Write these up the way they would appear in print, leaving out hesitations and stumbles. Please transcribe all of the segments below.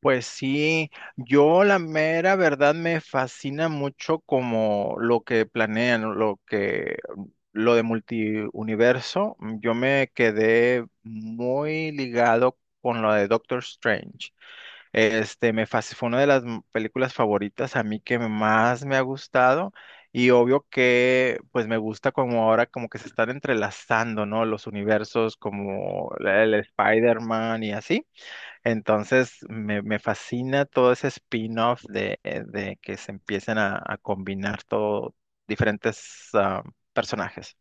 Pues sí, yo la mera verdad me fascina mucho como lo que planean, lo que lo de multiuniverso. Yo me quedé muy ligado con lo de Doctor Strange. Fue una de las películas favoritas a mí que más me ha gustado y obvio que pues me gusta como ahora como que se están entrelazando, ¿no? Los universos como el Spider-Man y así. Entonces, me fascina todo ese spin-off de que se empiecen a combinar todo, diferentes personajes.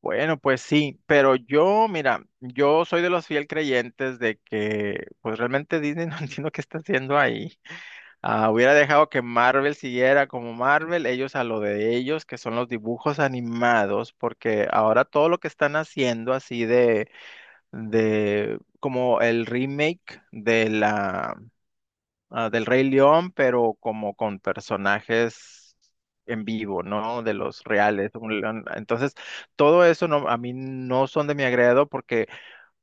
Bueno, pues sí, pero yo, mira, yo soy de los fiel creyentes de que, pues realmente Disney no entiendo qué está haciendo ahí. Ah, hubiera dejado que Marvel siguiera como Marvel, ellos a lo de ellos, que son los dibujos animados, porque ahora todo lo que están haciendo así de como el remake de la del Rey León, pero como con personajes en vivo, ¿no? De los reales. Un león. Entonces, todo eso no, a mí no son de mi agrado porque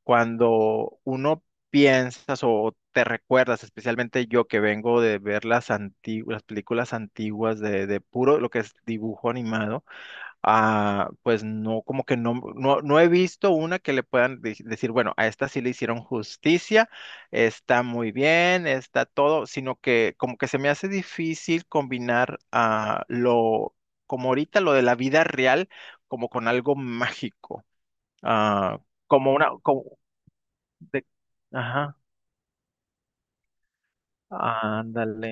cuando uno piensas o te recuerdas, especialmente yo que vengo de ver las antiguas, las películas antiguas de puro lo que es dibujo animado. Ah, pues no, como que no, no, no he visto una que le puedan decir, bueno, a esta sí le hicieron justicia, está muy bien, está todo, sino que como que se me hace difícil combinar lo, como ahorita lo de la vida real, como con algo mágico, ah, como una, como de- ajá, ándale,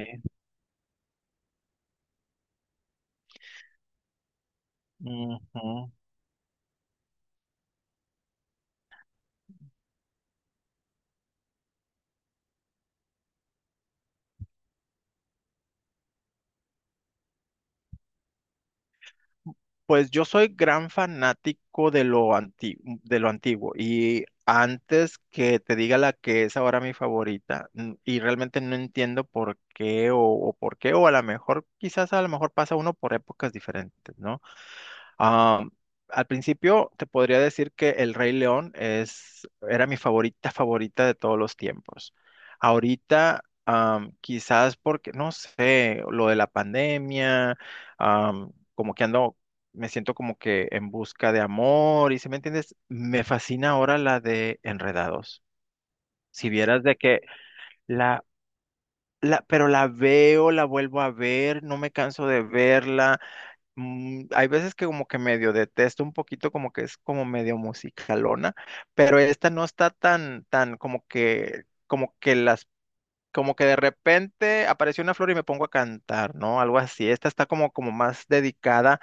ujú. Pues yo soy gran fanático de lo antiguo y antes que te diga la que es ahora mi favorita y realmente no entiendo por qué o por qué o a lo mejor quizás a lo mejor pasa uno por épocas diferentes, ¿no? Am, Al principio te podría decir que El Rey León es, era mi favorita favorita de todos los tiempos. Ahorita, quizás porque, no sé, lo de la pandemia, como que ando, me siento como que en busca de amor, y si me entiendes, me fascina ahora la de Enredados. Si vieras de que la, la, pero la veo, la vuelvo a ver, no me canso de verla. Hay veces que como que medio detesto un poquito, como que es como medio musicalona, pero esta no está tan, tan como que las, como que de repente apareció una flor y me pongo a cantar, ¿no? Algo así. Esta está como, como más dedicada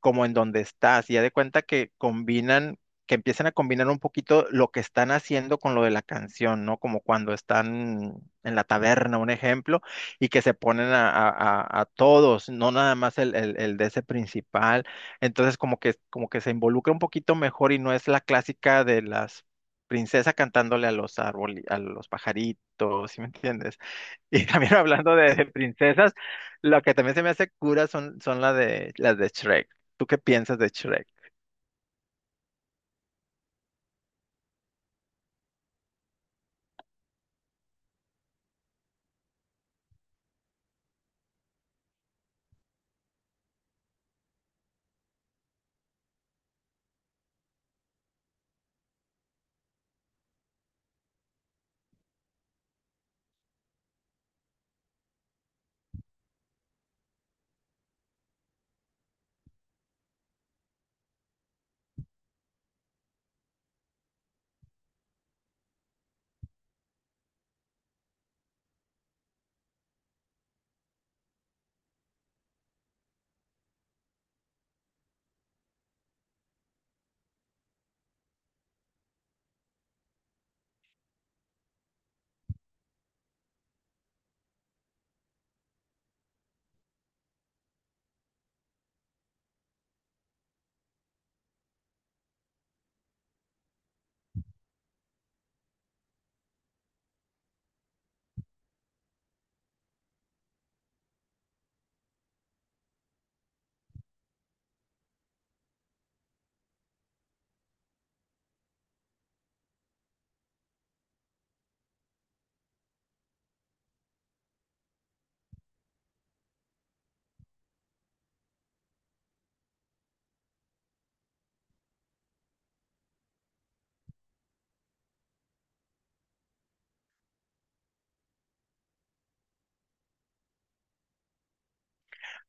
como en donde estás. Y ya de cuenta que combinan, que empiezan a combinar un poquito lo que están haciendo con lo de la canción, ¿no? Como cuando están en la taberna, un ejemplo, y que se ponen a, a todos, no nada más el de ese principal. Entonces como que se involucra un poquito mejor y no es la clásica de las princesas cantándole a los árboles, a los pajaritos, ¿sí me entiendes? Y también hablando de princesas, lo que también se me hace cura son, son las de Shrek. ¿Tú qué piensas de Shrek?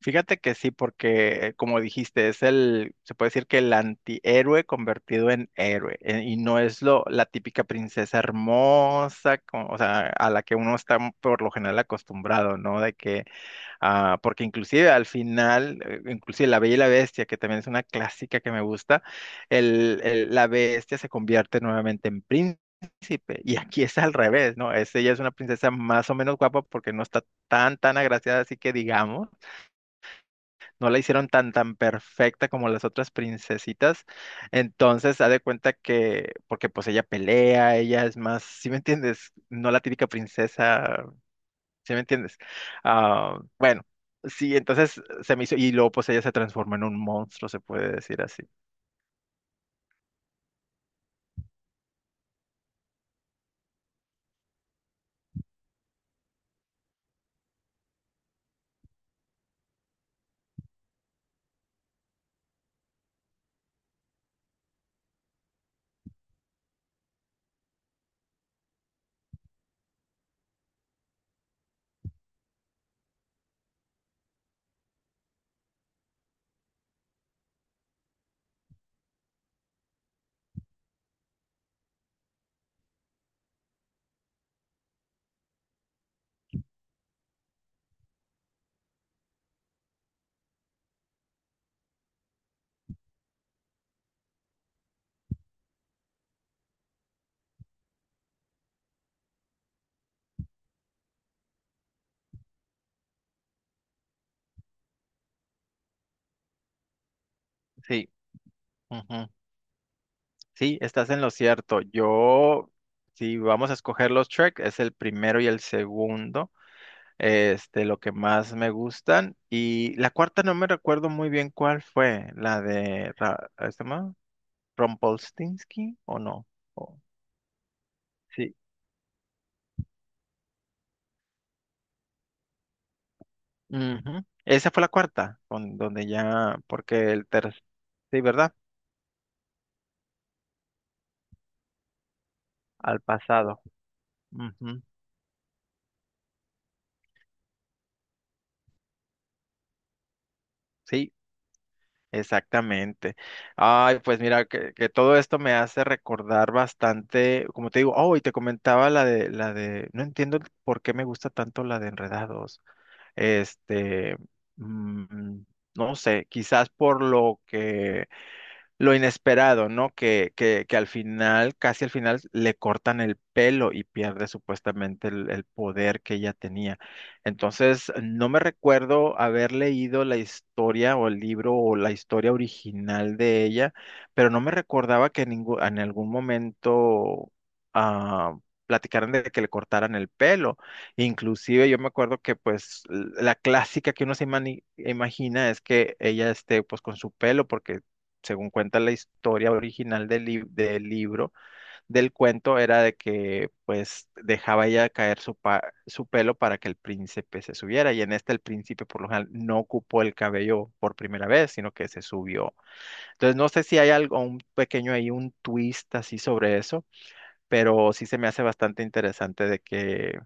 Fíjate que sí, porque como dijiste, es el, se puede decir que el antihéroe convertido en héroe, y no es lo, la típica princesa hermosa, o sea, a la que uno está por lo general acostumbrado, ¿no? De que, ah, porque inclusive al final, inclusive La Bella y la Bestia, que también es una clásica que me gusta, el, la bestia se convierte nuevamente en príncipe. Y aquí es al revés, ¿no? Es, ella es una princesa más o menos guapa porque no está tan, tan agraciada, así que digamos, no la hicieron tan, tan perfecta como las otras princesitas. Entonces, haz de cuenta que, porque pues ella pelea, ella es más, ¿si me entiendes? No la típica princesa. ¿Sí me entiendes? Ah, bueno, sí, entonces se me hizo, y luego pues ella se transformó en un monstruo, se puede decir así. Sí, ujú, sí, estás en lo cierto. Yo, si vamos a escoger los tracks, es el primero y el segundo, este, lo que más me gustan. Y la cuarta no me recuerdo muy bien cuál fue, la de, ¿cómo ¿se llama? Rumpelstiltskin o no. O- sí, ujú. Esa fue la cuarta, donde ya, porque el tercer, sí, ¿verdad? Al pasado. Ujú, sí, exactamente. Ay, pues mira, que todo esto me hace recordar bastante, como te digo, oh, y te comentaba la de, no entiendo por qué me gusta tanto la de Enredados. Este, mm, no sé, quizás por lo que lo inesperado, ¿no? Que al final, casi al final, le cortan el pelo y pierde supuestamente el poder que ella tenía. Entonces, no me recuerdo haber leído la historia o el libro o la historia original de ella, pero no me recordaba que en, en algún momento ah, platicaran de que le cortaran el pelo. Inclusive yo me acuerdo que pues la clásica que uno se imagina es que ella esté pues con su pelo porque según cuenta la historia original del, del libro, del cuento, era de que pues dejaba ella caer su, su pelo para que el príncipe se subiera. Y en este el príncipe por lo general no ocupó el cabello por primera vez, sino que se subió. Entonces no sé si hay algo, un pequeño ahí, un twist así sobre eso, pero sí se me hace bastante interesante de que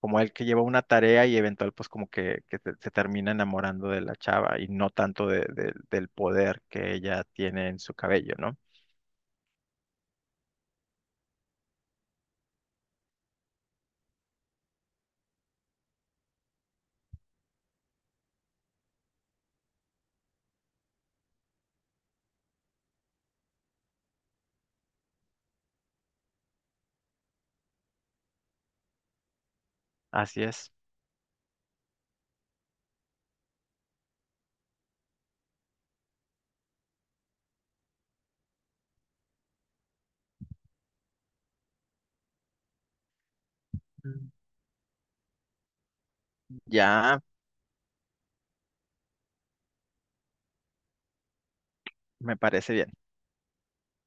como el que lleva una tarea y eventual pues como que se termina enamorando de la chava y no tanto del poder que ella tiene en su cabello, ¿no? Así es. Mm. Ya me parece bien.